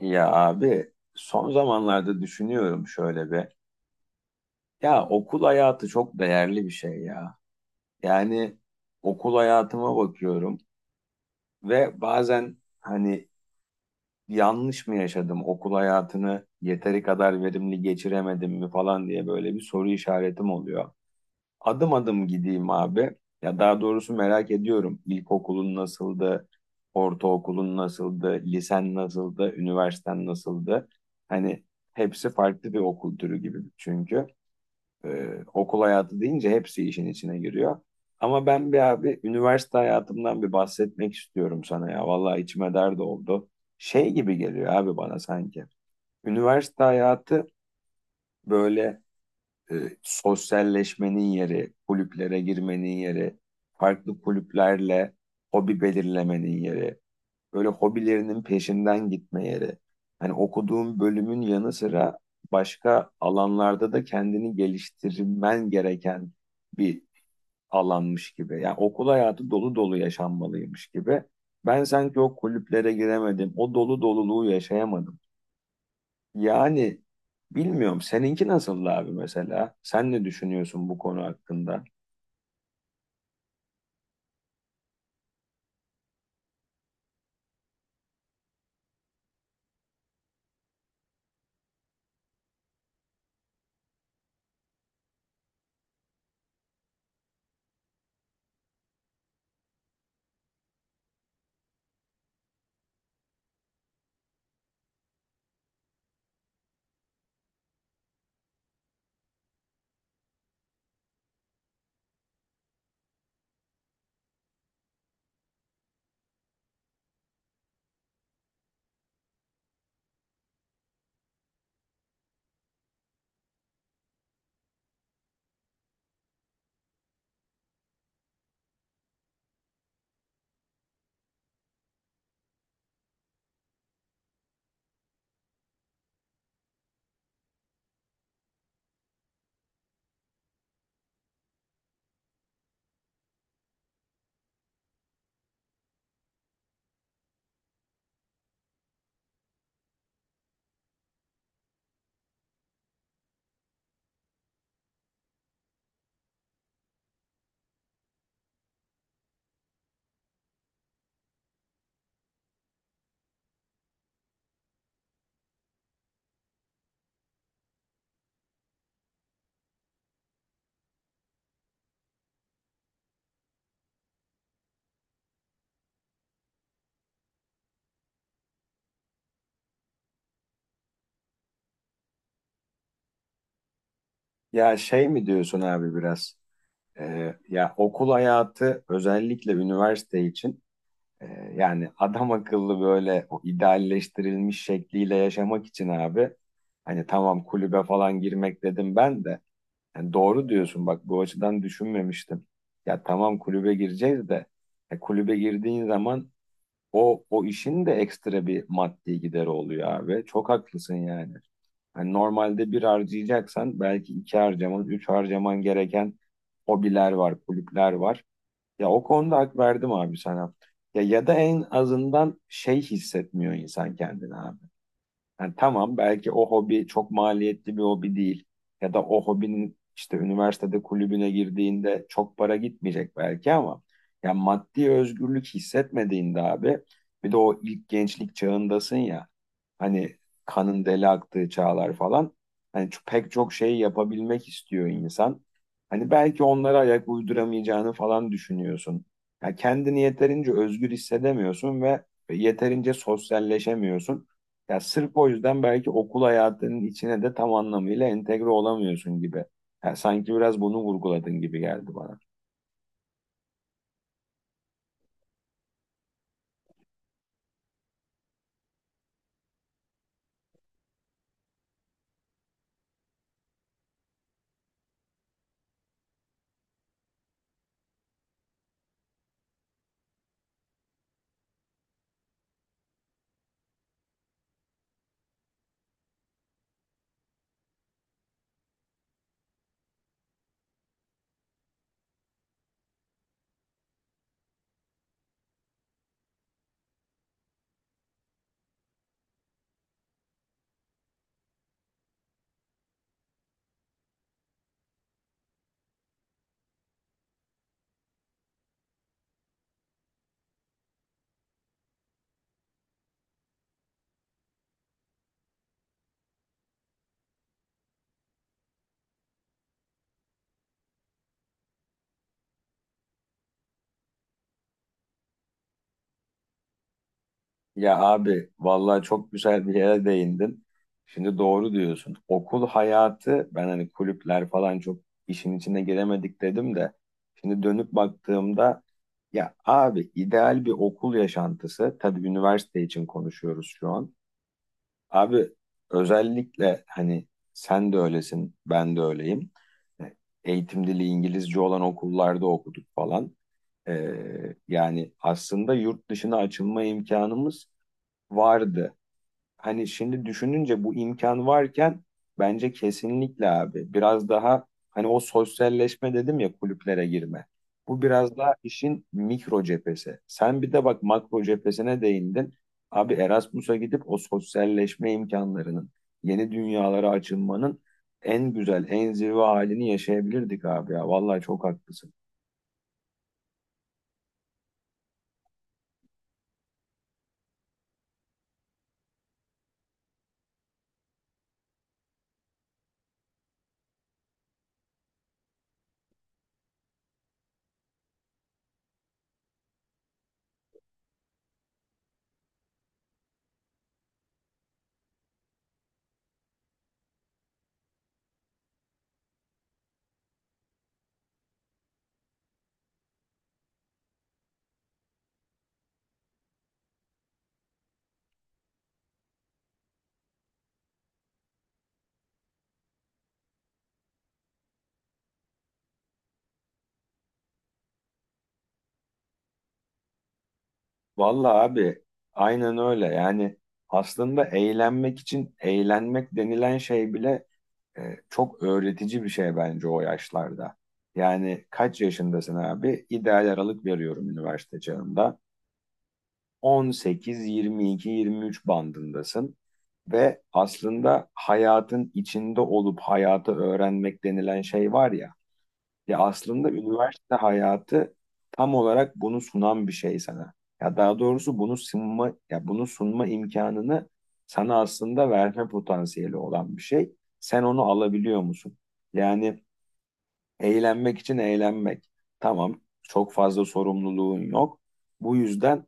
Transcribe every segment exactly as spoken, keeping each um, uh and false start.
Ya abi son zamanlarda düşünüyorum şöyle bir. Ya okul hayatı çok değerli bir şey ya. Yani okul hayatıma bakıyorum ve bazen hani yanlış mı yaşadım, okul hayatını yeteri kadar verimli geçiremedim mi falan diye böyle bir soru işaretim oluyor. Adım adım gideyim abi. Ya daha doğrusu merak ediyorum. İlkokulun nasıldı? Ortaokulun nasıldı? Lisen nasıldı? Üniversiten nasıldı? Hani hepsi farklı bir okul türü gibi çünkü. Ee, Okul hayatı deyince hepsi işin içine giriyor. Ama ben bir abi üniversite hayatımdan bir bahsetmek istiyorum sana ya. Vallahi içime dert oldu. Şey gibi geliyor abi bana sanki. Üniversite hayatı böyle e, sosyalleşmenin yeri, kulüplere girmenin yeri, farklı kulüplerle hobi belirlemenin yeri, böyle hobilerinin peşinden gitme yeri. Hani okuduğun bölümün yanı sıra başka alanlarda da kendini geliştirmen gereken bir alanmış gibi. Yani okul hayatı dolu dolu yaşanmalıymış gibi. Ben sanki o kulüplere giremedim, o dolu doluluğu yaşayamadım. Yani bilmiyorum seninki nasıl abi mesela? Sen ne düşünüyorsun bu konu hakkında? Ya şey mi diyorsun abi biraz? Ee, ya okul hayatı özellikle üniversite için e, yani adam akıllı böyle o idealleştirilmiş şekliyle yaşamak için abi, hani tamam kulübe falan girmek dedim ben de. Yani doğru diyorsun, bak bu açıdan düşünmemiştim. Ya tamam kulübe gireceğiz de e, kulübe girdiğin zaman O, o işin de ekstra bir maddi gideri oluyor abi. Çok haklısın yani. Hani normalde bir harcayacaksan belki iki harcaman, üç harcaman gereken hobiler var, kulüpler var. Ya o konuda hak verdim abi sana. Ya, ya da en azından şey hissetmiyor insan kendini abi. Yani tamam belki o hobi çok maliyetli bir hobi değil. Ya da o hobinin işte üniversitede kulübüne girdiğinde çok para gitmeyecek belki ama ya maddi özgürlük hissetmediğinde abi, bir de o ilk gençlik çağındasın ya, hani kanın deli aktığı çağlar falan, hani çok- pek çok şey yapabilmek istiyor insan. Hani belki onlara ayak uyduramayacağını falan düşünüyorsun. Ya kendini yeterince özgür hissedemiyorsun ve yeterince sosyalleşemiyorsun. Ya sırf o yüzden belki okul hayatının içine de tam anlamıyla entegre olamıyorsun gibi. Ya sanki biraz bunu vurguladın gibi geldi bana. Ya abi vallahi çok güzel bir yere değindin. Şimdi doğru diyorsun. Okul hayatı, ben hani kulüpler falan çok işin içine giremedik dedim de şimdi dönüp baktığımda, ya abi, ideal bir okul yaşantısı, tabii üniversite için konuşuyoruz şu an. Abi, özellikle hani sen de öylesin, ben de öyleyim. E, eğitim dili İngilizce olan okullarda okuduk falan. Ee, Yani aslında yurt dışına açılma imkanımız vardı. Hani şimdi düşününce bu imkan varken bence kesinlikle abi biraz daha, hani o sosyalleşme dedim ya, kulüplere girme. Bu biraz daha işin mikro cephesi. Sen bir de bak makro cephesine değindin. Abi Erasmus'a gidip o sosyalleşme imkanlarının, yeni dünyalara açılmanın en güzel, en zirve halini yaşayabilirdik abi ya. Vallahi çok haklısın. Vallahi abi aynen öyle. Yani aslında eğlenmek için eğlenmek denilen şey bile, e, çok öğretici bir şey bence o yaşlarda. Yani kaç yaşındasın abi? İdeal aralık veriyorum, üniversite çağında. on sekiz, yirmi iki, yirmi üç bandındasın. Ve aslında hayatın içinde olup hayatı öğrenmek denilen şey var ya. Ya aslında üniversite hayatı tam olarak bunu sunan bir şey sana. Ya daha doğrusu bunu sunma, ya bunu sunma imkanını sana aslında verme potansiyeli olan bir şey. Sen onu alabiliyor musun? Yani eğlenmek için eğlenmek. Tamam, çok fazla sorumluluğun yok. Bu yüzden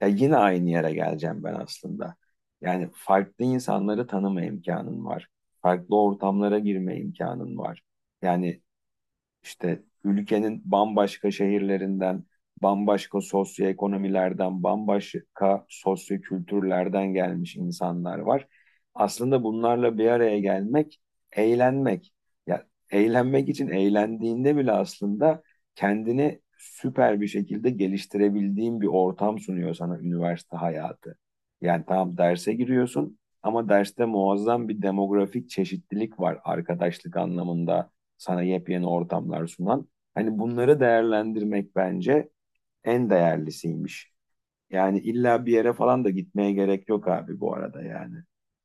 ya yine aynı yere geleceğim ben aslında. Yani farklı insanları tanıma imkanın var. Farklı ortamlara girme imkanın var. Yani işte ülkenin bambaşka şehirlerinden, bambaşka sosyoekonomilerden, bambaşka sosyokültürlerden gelmiş insanlar var. Aslında bunlarla bir araya gelmek, eğlenmek. Ya eğlenmek için eğlendiğinde bile aslında kendini süper bir şekilde geliştirebildiğin bir ortam sunuyor sana üniversite hayatı. Yani tamam derse giriyorsun, ama derste muazzam bir demografik çeşitlilik var, arkadaşlık anlamında sana yepyeni ortamlar sunan. Hani bunları değerlendirmek bence en değerlisiymiş. Yani illa bir yere falan da gitmeye gerek yok abi bu arada yani.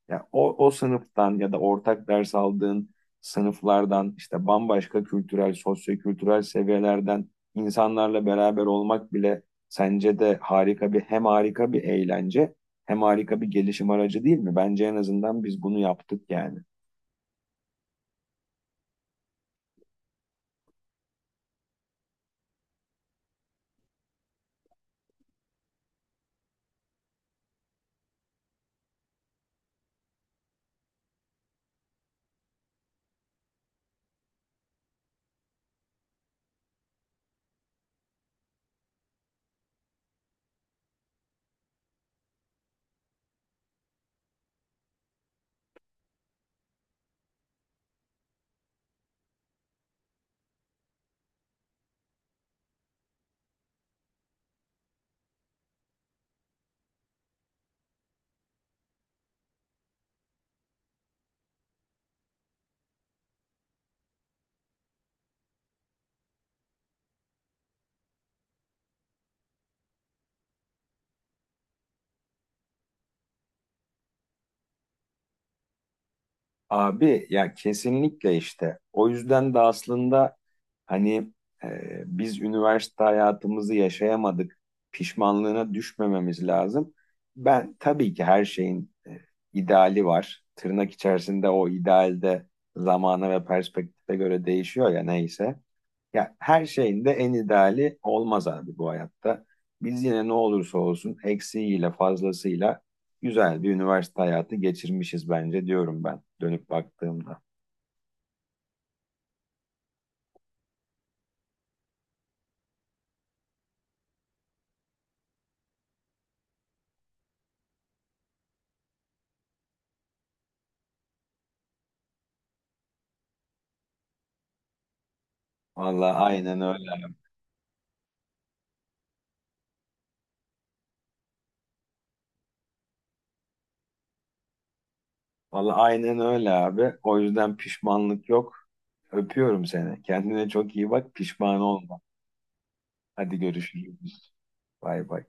Ya o, o sınıftan ya da ortak ders aldığın sınıflardan işte bambaşka kültürel, sosyokültürel seviyelerden insanlarla beraber olmak bile, sence de harika bir, hem harika bir eğlence hem harika bir gelişim aracı değil mi? Bence en azından biz bunu yaptık yani. Abi ya kesinlikle işte. O yüzden de aslında hani, e, biz üniversite hayatımızı yaşayamadık. Pişmanlığına düşmememiz lazım. Ben tabii ki her şeyin e, ideali var. Tırnak içerisinde o idealde zamana ve perspektife göre değişiyor ya, neyse. Ya her şeyin de en ideali olmaz abi bu hayatta. Biz yine ne olursa olsun eksiğiyle fazlasıyla güzel bir üniversite hayatı geçirmişiz bence, diyorum ben dönüp baktığımda. Vallahi aynen öyle abi. Vallahi aynen öyle abi. O yüzden pişmanlık yok. Öpüyorum seni. Kendine çok iyi bak. Pişman olma. Hadi görüşürüz. Bay bay.